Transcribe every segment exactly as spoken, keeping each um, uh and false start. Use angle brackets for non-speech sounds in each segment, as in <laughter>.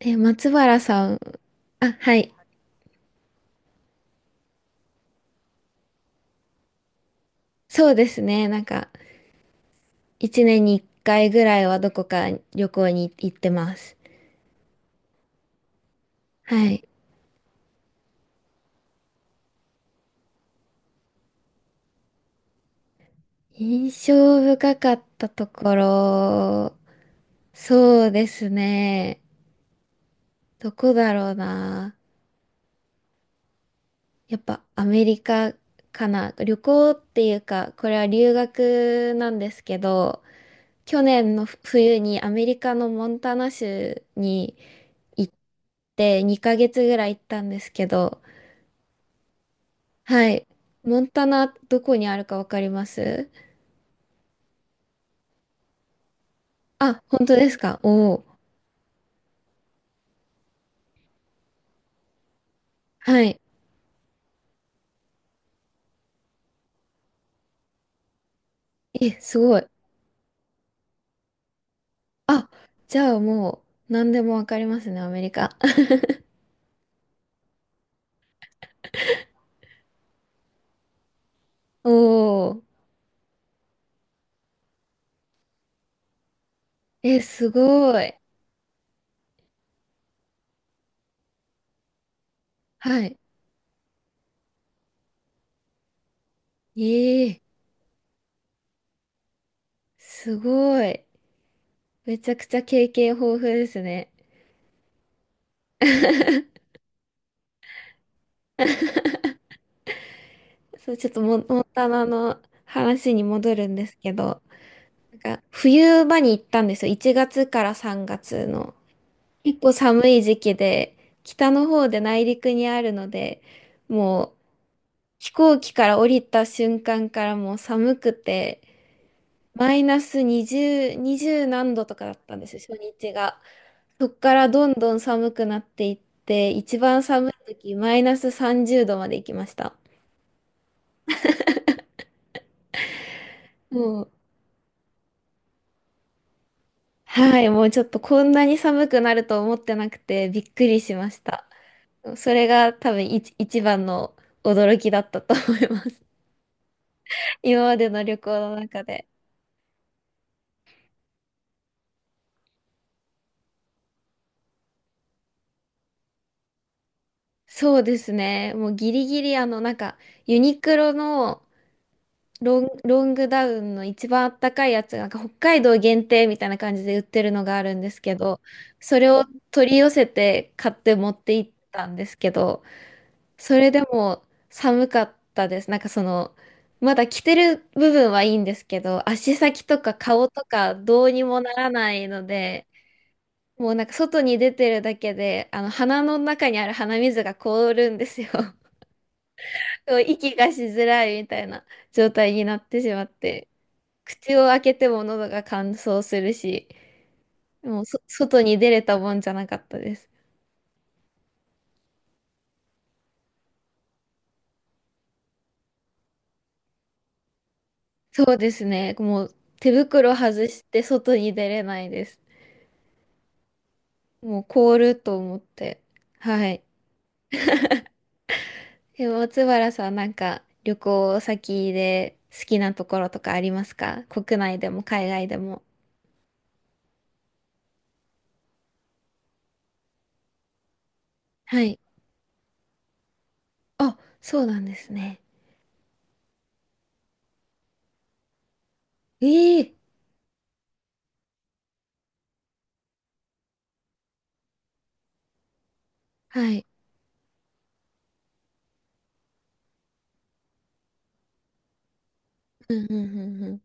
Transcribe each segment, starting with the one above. え、松原さん、あ、はい。そうですね。なんか、一年に一回ぐらいはどこか旅行に行ってます。はい。印象深かったところ、そうですね。どこだろうな。やっぱアメリカかな。旅行っていうか、これは留学なんですけど、去年の冬にアメリカのモンタナ州に行ってにかげつぐらい行ったんですけど、はい。モンタナ、どこにあるかわかりますあ、本当ですか？おおー。はい。え、すごい。あ、じゃあもう、何でもわかりますね、アメリカ。<laughs> おお。え、すごい。はい。ええ、すごい。めちゃくちゃ経験豊富ですね。そう、ちょっとモ、モンタナの話に戻るんですけど、なんか、冬場に行ったんですよ。いちがつからさんがつの。結構寒い時期で、北の方で内陸にあるので、もう飛行機から降りた瞬間からもう寒くて、マイナスにじゅう、にじゅう何度とかだったんですよ、初日が。そっからどんどん寒くなっていって、一番寒い時、マイナスさんじゅうどまで行きました。もう、はい、もうちょっとこんなに寒くなると思ってなくてびっくりしました。それが多分一、一番の驚きだったと思います。今までの旅行の中で。そうですね。もうギリギリあのなんかユニクロのロン、ロングダウンの一番あったかいやつがなんか北海道限定みたいな感じで売ってるのがあるんですけど、それを取り寄せて買って持って行ったんですけど、それでも寒かったです。なんかその、まだ着てる部分はいいんですけど、足先とか顔とかどうにもならないので、もうなんか外に出てるだけで、あの鼻の中にある鼻水が凍るんですよ。<laughs> そう息がしづらいみたいな状態になってしまって、口を開けても喉が乾燥するし、もうそ外に出れたもんじゃなかったです。そうですね。もう手袋外して外に出れないです。もう凍ると思って。はい。でも松原さんなんか旅行先で好きなところとかありますか？国内でも海外でも。はい。あ、そうなんですね。ええはい。うんうんうん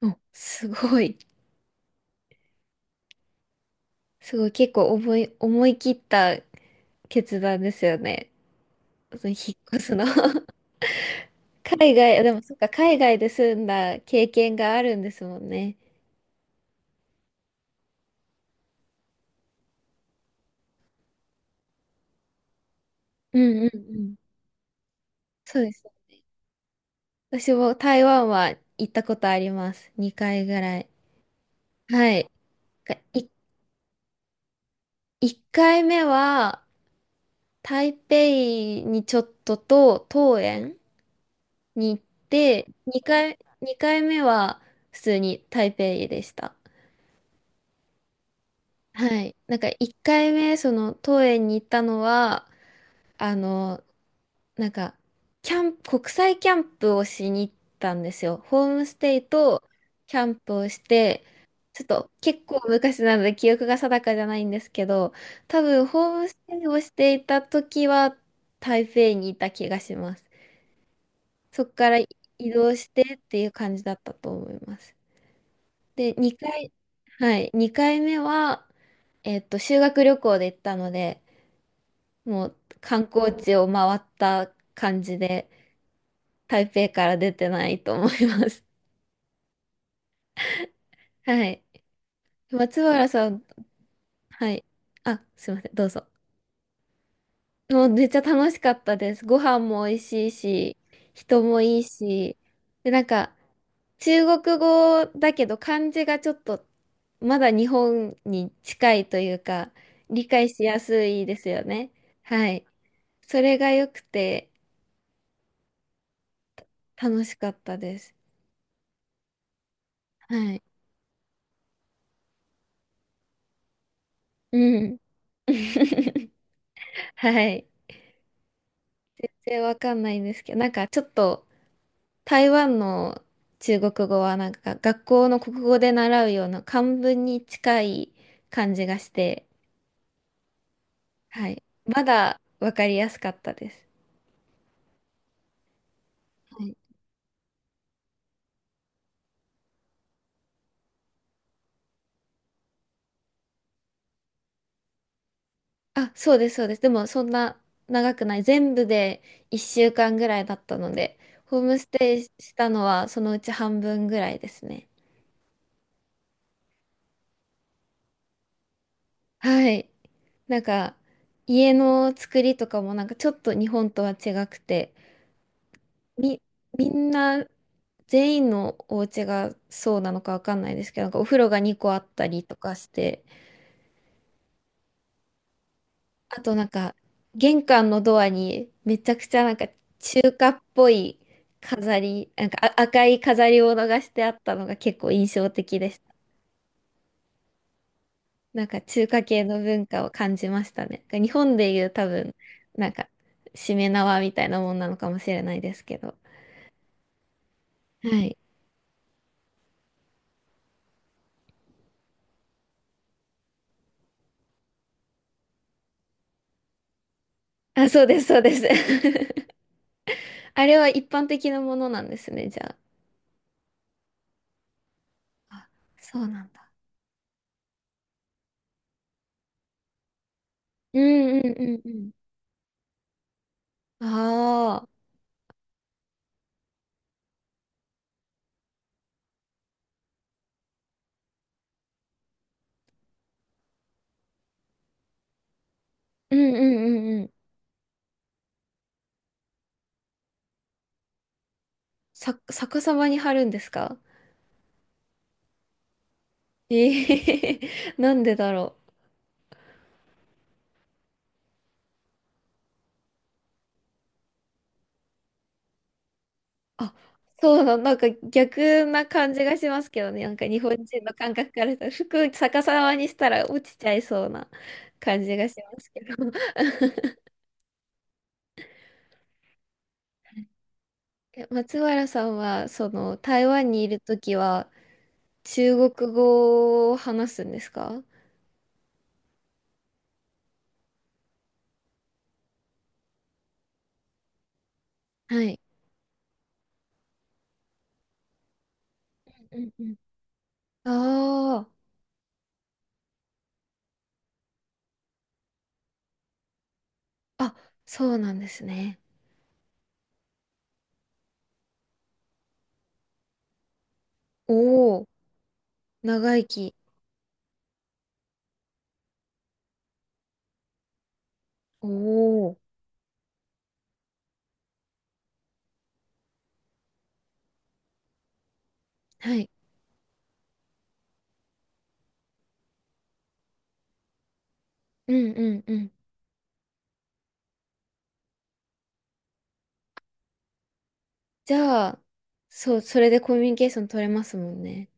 うん。お、すごい。すごい。結構思い、思い切った決断ですよね。その引っ越すの。<laughs> 海外、でもそっか、海外で住んだ経験があるんですもんね。うんうんうん。そうです。私も台湾は行ったことあります。にかいぐらい。はい。がい、いっかいめは台北にちょっとと桃園に行って、にかい、にかいめは普通に台北でした。はい。なんかいっかいめ、その桃園に行ったのは、あの、なんか、キャンプ、国際キャンプをしに行ったんですよ。ホームステイとキャンプをして、ちょっと結構昔なので記憶が定かじゃないんですけど、多分ホームステイをしていた時は台北にいた気がします。そこから移動してっていう感じだったと思います。で、にかい、はい、にかいめは、えっと、修学旅行で行ったので、もう観光地を回った感じで、台北から出てないと思います。はい。松原さん、はい。あ、すいません、どうぞ。もうめっちゃ楽しかったです。ご飯も美味しいし、人もいいし。で、なんか、中国語だけど漢字がちょっと、まだ日本に近いというか、理解しやすいですよね。はい。それが良くて楽しかったです。はい。うん。<laughs> はい。全然わかんないんですけど、なんかちょっと、台湾の中国語はなんか学校の国語で習うような漢文に近い感じがして、はい。まだわかりやすかったです。はい。あ、そうです、そうです。でもそんな長くない。全部でいっしゅうかんぐらいだったので、ホームステイしたのはそのうち半分ぐらいですね。はい。なんか家の作りとかもなんかちょっと日本とは違くて、み、みんな、全員のお家がそうなのかわかんないですけど、なんかお風呂がにこあったりとかして、あとなんか玄関のドアにめちゃくちゃなんか中華っぽい飾り、なんかあ赤い飾りを逃してあったのが結構印象的でした。なんか中華系の文化を感じましたね。なんか日本でいう多分、なんかしめ縄みたいなもんなのかもしれないですけど。はい。あ、そうです、そうです。<laughs> あれは一般的なものなんですね、じゃあ。あ、そうなんだ。うんうんうんうん。ああ、うんうんうんうん。さ、逆さまに貼るんですか？ええ <laughs> なんでだろう。あ、そうな、なんか逆な感じがしますけどね。なんか日本人の感覚からすると、服逆さまにしたら落ちちゃいそうな感じがしますけど。<laughs> え松原さんは、その、台湾にいるときは、中国語を話すんですか？はい。うんうん。ああ、あ、そうなんですね。おお、長生き。おお、はい。うんうんうん。じゃあ、そう、それでコミュニケーション取れますもんね。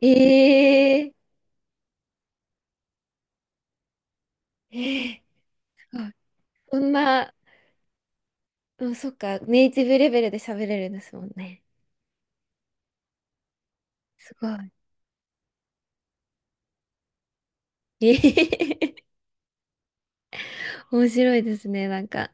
ええええあこんな、うんそっか、ネイティブレベルで喋れるんですもんね。すごい。ええ <laughs> 面白いですね、なんか。